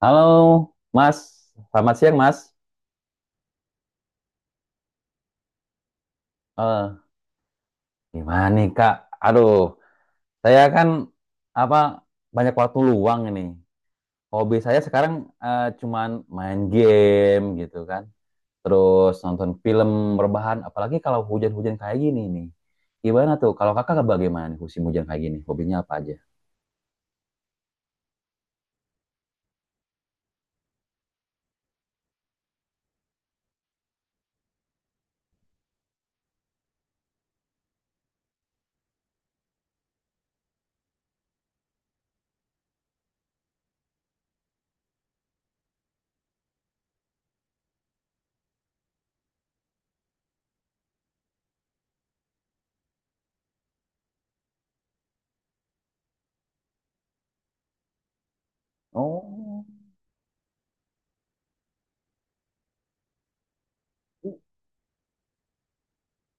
Halo, Mas. Selamat siang, Mas. Eh, Gimana nih, Kak? Aduh, saya kan apa banyak waktu luang ini. Hobi saya sekarang cuman main game gitu kan. Terus nonton film rebahan, apalagi kalau hujan-hujan kayak gini nih. Gimana tuh? Kalau Kakak bagaimana nih musim hujan kayak gini? Hobinya apa aja? Oh.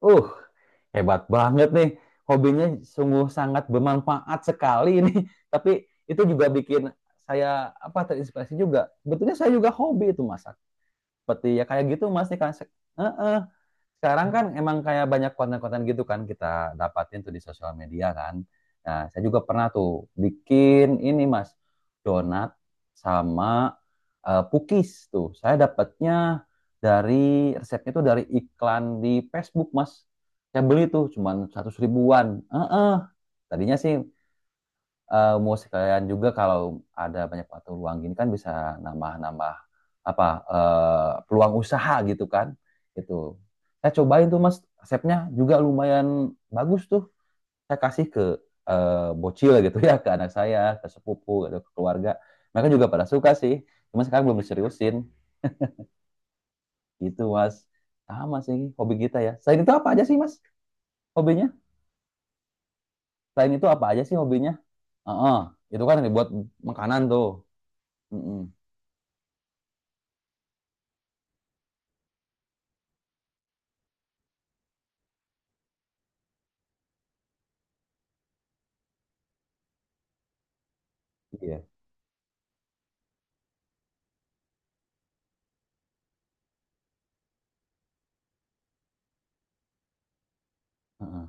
Uh, Hebat banget nih. Hobinya sungguh sangat bermanfaat sekali ini. Tapi itu juga bikin saya apa terinspirasi juga. Sebetulnya saya juga hobi itu, Mas, seperti ya kayak gitu, mas, nih kan Heeh. Sekarang kan emang kayak banyak konten-konten gitu kan. Kita dapatin tuh di sosial media kan. Nah, saya juga pernah tuh bikin ini, mas, donat sama pukis tuh. Saya dapatnya dari, resepnya tuh dari iklan di Facebook, mas. Saya beli tuh cuman 100 ribuan. Eh, eh. Tadinya sih mau sekalian juga, kalau ada banyak waktu luang gini kan bisa nambah-nambah apa peluang usaha gitu kan. Itu saya cobain tuh, mas, resepnya juga lumayan bagus tuh. Saya kasih ke eh, bocil gitu, ya, ke anak saya, ke sepupu gitu, ke keluarga. Mereka juga pada suka sih, cuma sekarang belum diseriusin gitu, mas. Sama sih hobi kita, ya. Selain itu apa aja sih, mas, hobinya? Selain itu apa aja sih hobinya? Heeh. Itu kan yang dibuat makanan tuh. Mm-mm. Iya. Heeh.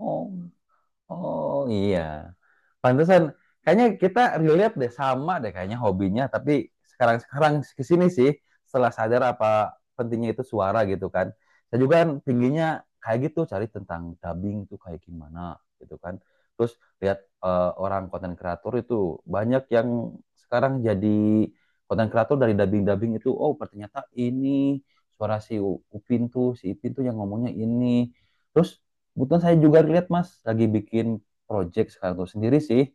Oh, oh iya. Pantesan kayaknya kita relate deh, sama deh kayaknya hobinya. Tapi sekarang-sekarang ke sini sih setelah sadar apa pentingnya itu suara gitu kan. Saya juga kan tingginya kayak gitu cari tentang dubbing tuh kayak gimana gitu kan. Terus lihat orang konten kreator itu banyak yang sekarang jadi konten kreator dari dubbing-dubbing itu. Oh, ternyata ini suara si Upin tuh, si Ipin tuh yang ngomongnya ini. Terus kebetulan saya juga lihat Mas lagi bikin project sekarang tuh sendiri sih.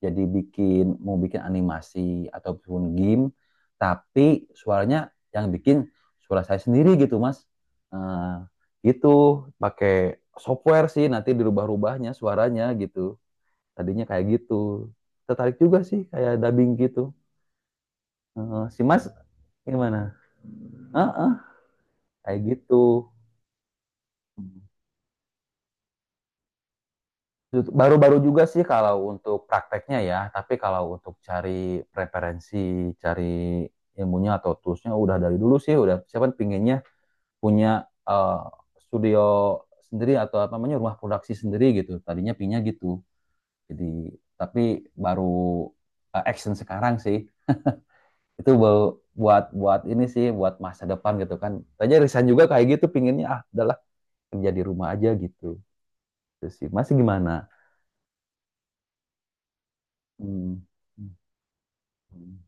Jadi mau bikin animasi ataupun game, tapi suaranya yang bikin suara saya sendiri gitu, Mas. Nah, gitu pakai software sih, nanti dirubah-rubahnya suaranya gitu. Tadinya kayak gitu. Tertarik juga sih kayak dubbing gitu. Si Mas gimana? Heeh, kayak gitu. Hmm. Baru-baru juga sih kalau untuk prakteknya ya, tapi kalau untuk cari referensi, cari ilmunya atau toolsnya udah dari dulu sih. Udah, siapa pinginnya punya eh, studio sendiri, atau apa namanya rumah produksi sendiri gitu. Tadinya pinginnya gitu. Jadi tapi baru action sekarang sih itu buat buat ini sih buat masa depan gitu kan. Tanya Risan juga kayak gitu pinginnya, ah udahlah kerja di rumah aja gitu. Terus sih masih gimana? Hmm. Hmm.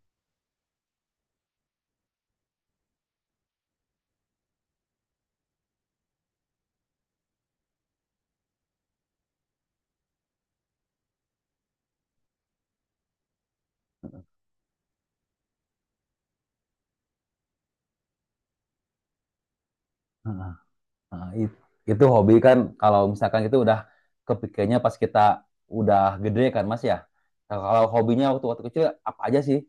Hmm. Nah, itu hobi kan kalau misalkan itu udah kepikirnya pas kita udah gede kan, Mas, ya. Nah, kalau hobinya waktu waktu kecil apa aja sih?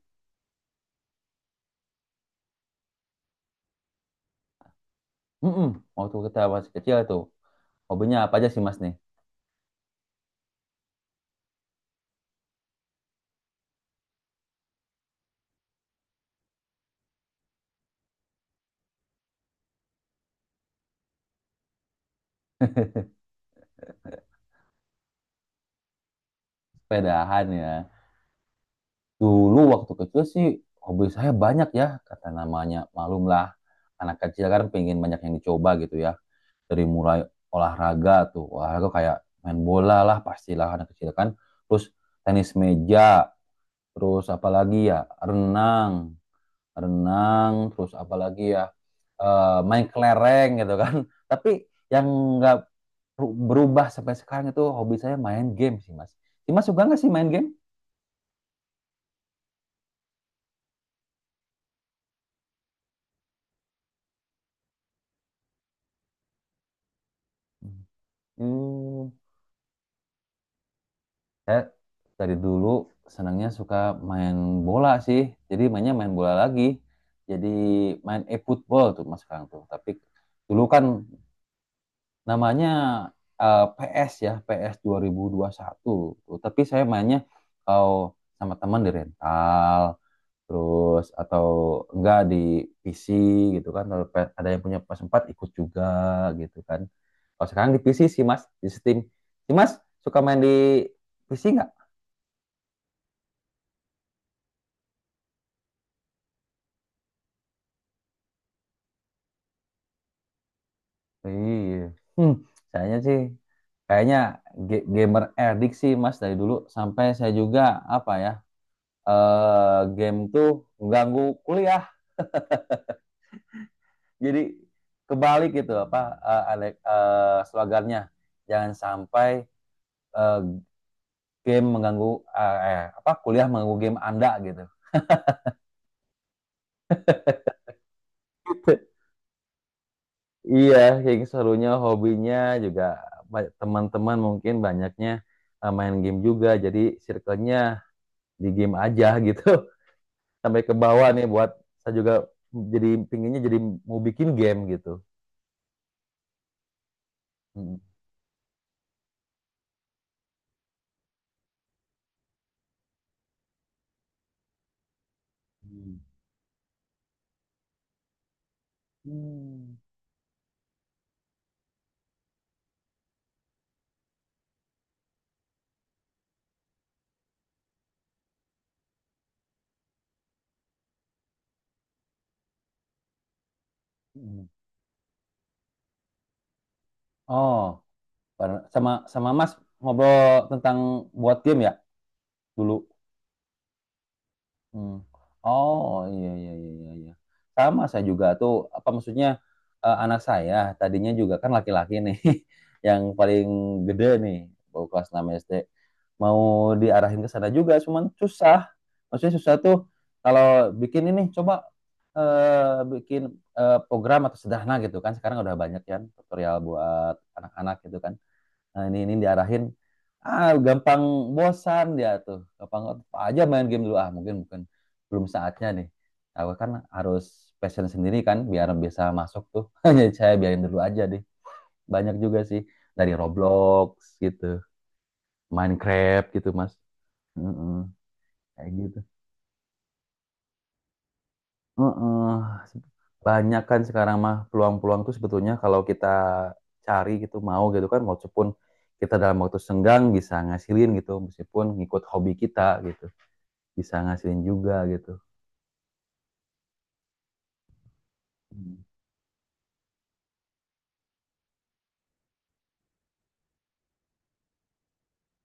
Mm-mm. Waktu kita masih kecil itu hobinya apa aja sih, Mas, nih? Sepedahan ya. Dulu waktu kecil sih hobi saya banyak, ya, kata namanya malumlah, anak kecil kan pengen banyak yang dicoba gitu ya. Dari mulai olahraga tuh, olahraga kayak main bola lah, pastilah anak kecil kan. Terus tenis meja, terus apalagi ya, renang, renang, terus apalagi ya, main kelereng gitu kan. Tapi yang nggak berubah sampai sekarang itu hobi saya main game sih, mas. Si Mas suka nggak sih main game? Hmm, saya dari dulu senangnya suka main bola sih. Jadi mainnya main bola lagi. Jadi main e-football tuh, mas, sekarang tuh. Tapi dulu kan namanya PS ya, PS 2021 tuh. Tapi saya mainnya kalau sama teman di rental, terus atau enggak di PC gitu kan. Kalau ada yang punya PS4 ikut juga gitu kan. Kalau sekarang di PC sih, Mas, di Steam. Si Mas suka main di PC nggak? Iya. Hmm, sayanya sih kayaknya gamer addict sih, Mas, dari dulu sampai saya juga apa ya game tuh mengganggu kuliah, jadi kebalik gitu apa, slogannya jangan sampai eh, game mengganggu, apa, kuliah mengganggu game Anda gitu. Iya, kayak gitu, serunya hobinya juga teman-teman mungkin banyaknya main game juga, jadi circle-nya di game aja gitu. Sampai ke bawah nih buat saya juga jadi pinginnya jadi mau bikin game gitu. Hmm. Hmm. Oh, sama sama, Mas, ngobrol tentang buat game ya dulu. Hmm. Oh iya iya iya iya, iya. Sama saya juga tuh apa maksudnya anak saya tadinya juga kan laki-laki nih yang paling gede nih baru kelas 6 SD, mau diarahin ke sana juga cuman susah. Maksudnya susah tuh kalau bikin ini, coba bikin program atau sederhana gitu kan, sekarang udah banyak kan tutorial buat anak-anak gitu kan. Nah, ini diarahin, ah gampang bosan dia tuh. Gampang apa aja, main game dulu, ah mungkin bukan belum saatnya nih. Aku kan harus passion sendiri kan biar bisa masuk tuh. Jadi saya biarin dulu aja deh. Banyak juga sih dari Roblox gitu, Minecraft gitu, Mas. Mm-mm, kayak gitu. Heeh. Banyak kan sekarang mah peluang-peluang tuh sebetulnya, kalau kita cari gitu mau gitu kan, walaupun kita dalam waktu senggang bisa ngasilin gitu, meskipun ngikut hobi kita gitu, bisa ngasilin juga gitu. Hmm.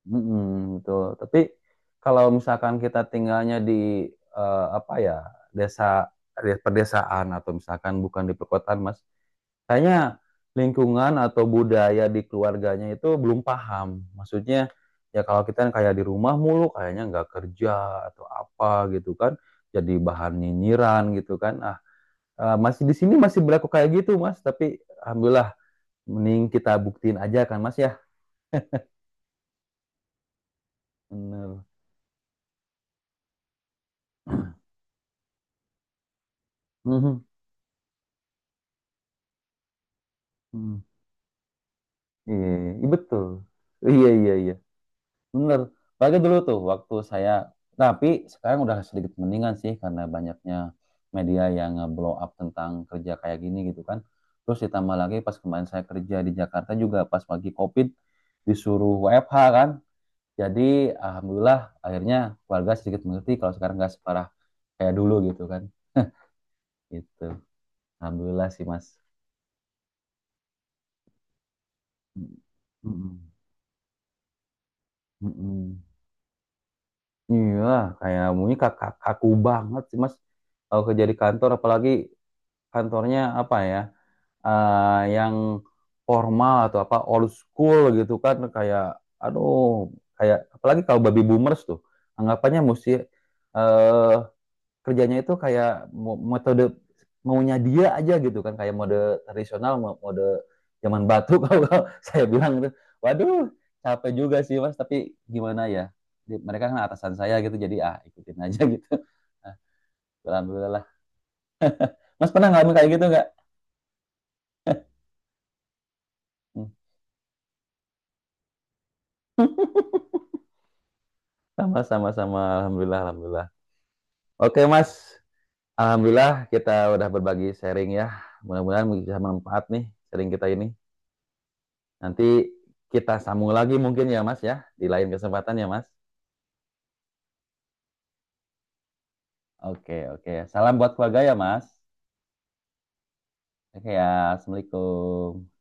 Mm-mm, betul. Tapi kalau misalkan kita tinggalnya di, apa ya, desa, pedesaan, atau misalkan bukan di perkotaan, mas. Kayaknya lingkungan atau budaya di keluarganya itu belum paham. Maksudnya, ya kalau kita yang kayak di rumah mulu, kayaknya nggak kerja atau apa gitu kan. Jadi bahan nyinyiran gitu kan. Ah, masih di sini masih berlaku kayak gitu, Mas. Tapi alhamdulillah, mending kita buktiin aja kan, Mas ya. Bener. Mhm. Mhm. Iya, iya, iya, betul. Iya, iya, iya. Bener. Apalagi dulu tuh waktu saya, nah, tapi sekarang udah sedikit mendingan sih karena banyaknya media yang nge-blow up tentang kerja kayak gini gitu kan. Terus ditambah lagi pas kemarin saya kerja di Jakarta juga pas pagi COVID disuruh WFH kan. Jadi alhamdulillah akhirnya keluarga sedikit mengerti kalau sekarang nggak separah kayak dulu gitu kan. Gitu. Alhamdulillah sih, Mas. Mm-mm. Mm-mm. Iya, kayak maunya kak kak- kaku banget sih, Mas. Kalau kerja di kantor, apalagi kantornya apa ya, yang formal atau apa old school gitu kan, kayak aduh, kayak apalagi kalau baby boomers tuh anggapannya mesti eh kerjanya itu kayak metode maunya dia aja gitu kan, kayak mode tradisional, mode zaman batu. Kalau saya bilang gitu, waduh, capek juga sih, mas, tapi gimana ya, mereka kan atasan saya gitu, jadi ah ikutin aja. Gitu. Nah, alhamdulillah, mas, pernah ngalamin kayak gitu nggak? Sama-sama, sama. Alhamdulillah, alhamdulillah. Oke, Mas. Alhamdulillah kita udah berbagi sharing ya. Mudah-mudahan bisa manfaat nih sharing kita ini. Nanti kita sambung lagi mungkin ya, Mas ya, di lain kesempatan ya, Mas. Oke, oke. Salam buat keluarga ya, Mas. Oke ya, Assalamualaikum.